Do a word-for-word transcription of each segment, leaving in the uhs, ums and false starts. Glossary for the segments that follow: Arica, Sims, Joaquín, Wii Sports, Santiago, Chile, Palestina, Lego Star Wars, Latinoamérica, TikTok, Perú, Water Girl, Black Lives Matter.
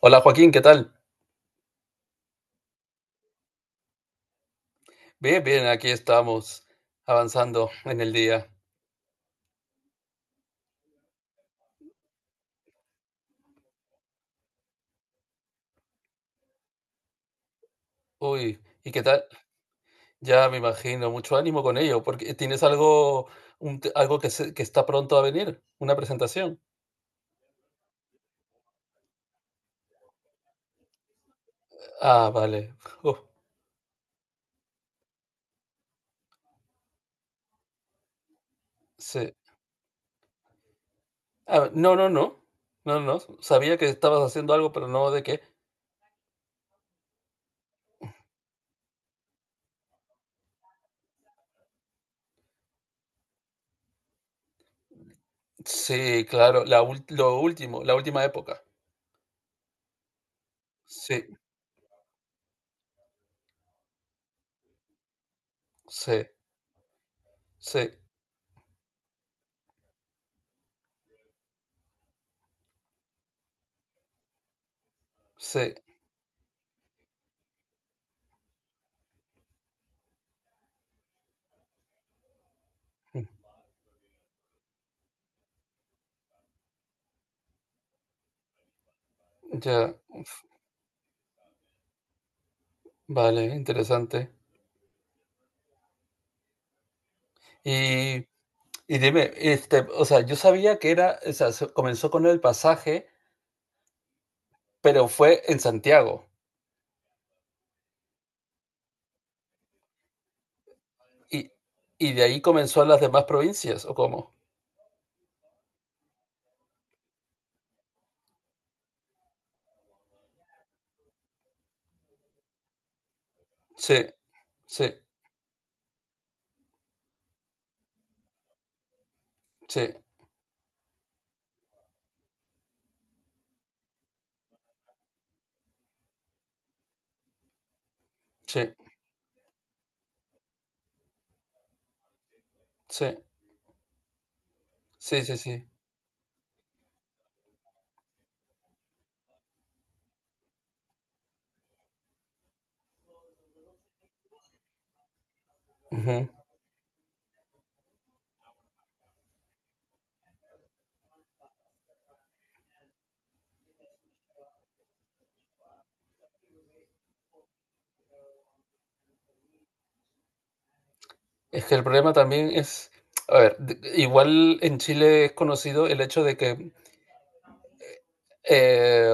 Hola Joaquín, ¿qué tal? Bien, bien, aquí estamos avanzando en el día. Uy, ¿y qué tal? Ya me imagino, mucho ánimo con ello, porque tienes algo, un te- algo que, se- que está pronto a venir, una presentación. Ah, vale. Uf, sí. Ah, no, no, no, no, no. Sabía que estabas haciendo algo, pero no de qué. Sí, claro, la ul- lo último, la última época. Sí, sí, sí, sí. Ya, vale, interesante. Y Y dime, este, o sea, yo sabía que era, o sea, se- comenzó con el pasaje, pero fue en Santiago. Y, y de ahí comenzó a las demás provincias, ¿o cómo? Sí, sí, sí, sí, sí, sí, sí, sí. Ujú. Es que el problema también es, a ver, de- igual en Chile es conocido el hecho de que eh,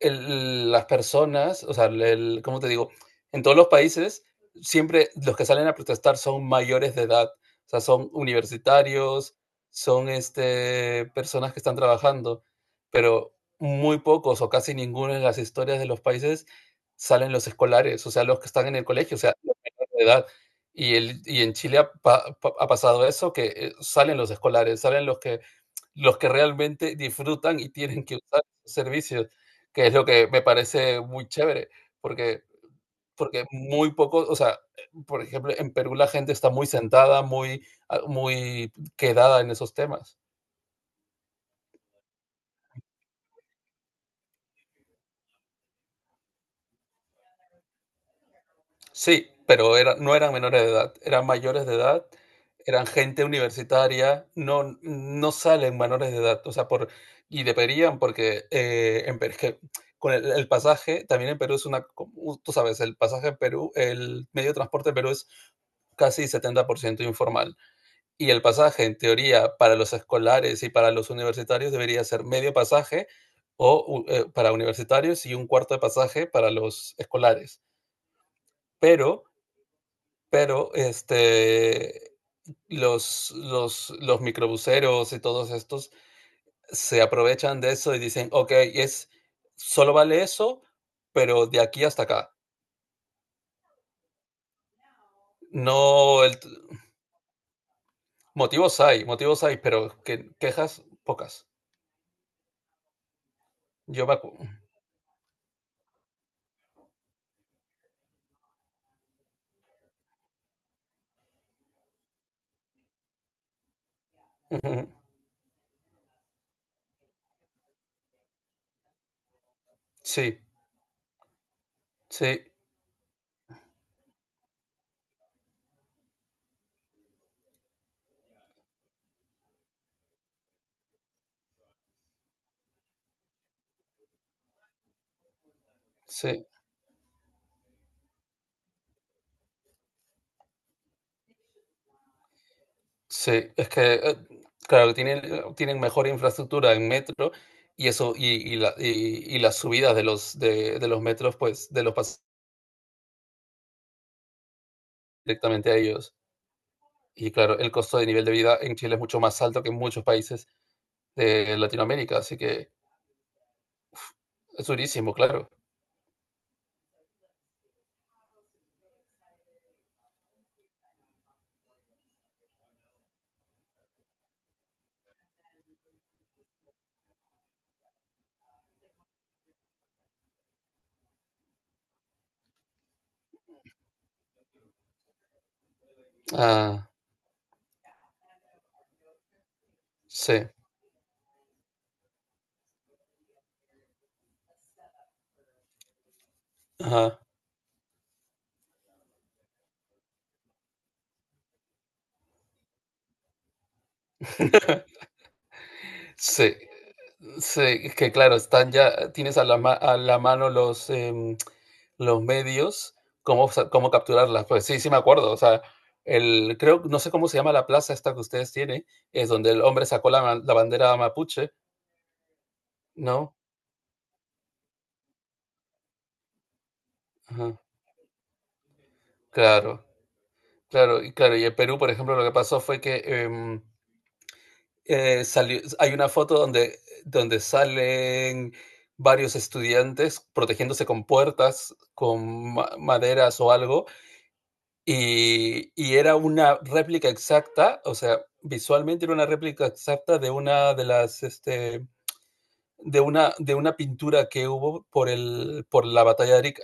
el- las personas, o sea, el, ¿cómo te digo? En todos los países, siempre los que salen a protestar son mayores de edad, o sea, son universitarios, son este, personas que están trabajando, pero muy pocos o casi ninguno en las historias de los países salen los escolares, o sea, los que están en el colegio, o sea, los menores de edad. Y, el, y en Chile ha, pa- pa- ha pasado eso, que eh, salen los escolares, salen los que, los que realmente disfrutan y tienen que usar servicios que es lo que me parece muy chévere, porque, porque muy pocos o sea, por ejemplo, en Perú la gente está muy sentada, muy, ah, muy quedada en esos temas. Sí, pero era, no eran menores de edad, eran mayores de edad, eran gente universitaria, no, no salen menores de edad, o sea, por, y deberían, porque eh, en Perú, que con el, el, pasaje, también en Perú es una, como tú sabes, el pasaje en Perú, el medio de transporte en Perú es casi setenta por ciento informal. Y el pasaje, en teoría, para los escolares y para los universitarios debería ser medio pasaje o eh, para universitarios y un cuarto de pasaje para los escolares. Pero, pero, este, los, los, los microbuseros y todos estos se aprovechan de eso y dicen, ok, es, solo vale eso, pero de aquí hasta acá. No, el, motivos hay, motivos hay, pero que, quejas pocas. Yo me acu- Sí, sí, sí. Sí, es que, eh, claro, tienen, eh, tienen mejor infraestructura en metro y eso, y, y, la- y- y las subidas de los, de, de los metros, pues, de los pasan directamente a ellos. Y claro, el costo de nivel de vida en Chile es mucho más alto que en muchos países de Latinoamérica, así que es durísimo, claro. Ah, sí. Ajá. Sí, sí, es que claro, están ya, tienes a la, ma- a la mano los, em, los medios, cómo, sa- cómo capturarlas. Pues sí, sí me acuerdo. O sea, el, creo, no sé cómo se llama la plaza esta que ustedes tienen, es donde el hombre sacó la, ma- la bandera mapuche, ¿no? Ajá. Claro, claro, y claro, y en Perú, por ejemplo, lo que pasó fue que em, eh, salió, hay una foto donde, donde salen varios estudiantes protegiéndose con puertas, con ma- maderas o algo. Y y era una réplica exacta, o sea, visualmente era una réplica exacta de una de las, este, de una de una pintura que hubo por el por la batalla de Arica.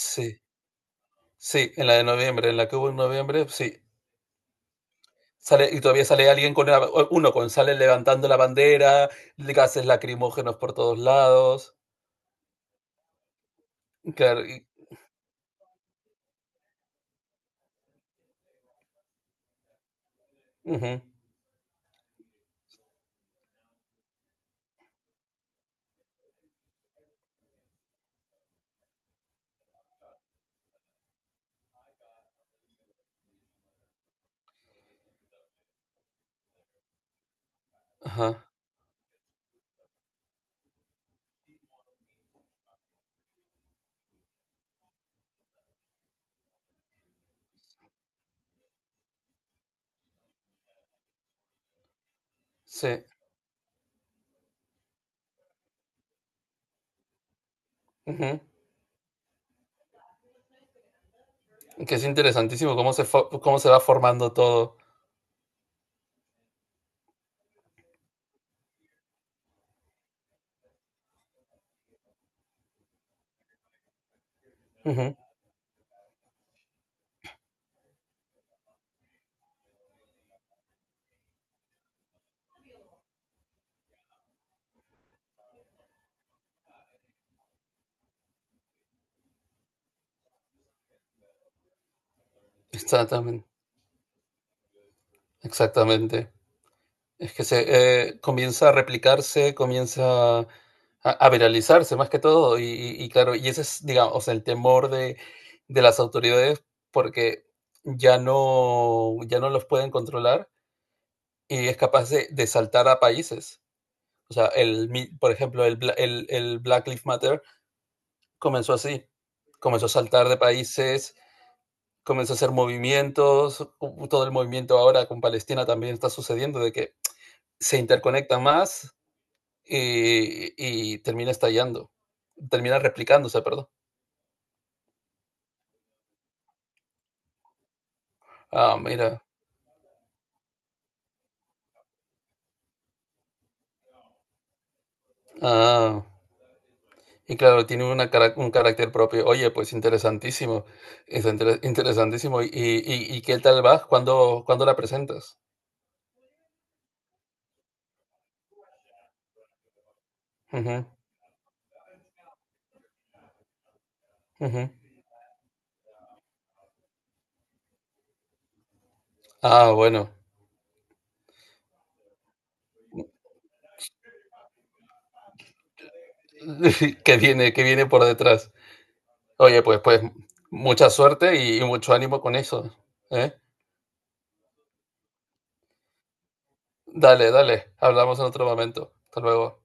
Sí, sí, en la de noviembre, en la que hubo en noviembre, sí. Sale, y todavía sale alguien con una- uno con sale levantando la bandera, gases lacrimógenos por todos lados. Claro, y- ujú, ajá, sí, ujú. Que es interesantísimo cómo se fo- cómo se va formando todo. Ujú. Exactamente. Exactamente. Es que se eh, comienza a replicarse, comienza a, a viralizarse más que todo. Y, y- y claro, y ese es, digamos, o sea, el temor de, de las autoridades porque ya no, ya no los pueden controlar y es capaz de, de saltar a países. O sea, el, mi- por ejemplo, el, Bla- el, el Black Lives Matter comenzó así. Comenzó a saltar de países, comenzó a hacer movimientos. u- Todo el movimiento ahora con Palestina también está sucediendo de que se interconecta más y, y termina estallando, termina replicándose, perdón. Ah, mira. Ah, y claro, tiene una, cara- un carácter propio. Oye, pues interesantísimo, es inter- interesantísimo. ¿Y, y, y qué tal va? ¿Cuándo, cuándo la presentas? Ujú, ujú. Ah, bueno, que viene, que viene por detrás. Oye, pues, pues, mucha suerte y, y mucho ánimo con eso, ¿eh? Dale, dale, hablamos en otro momento. Hasta luego.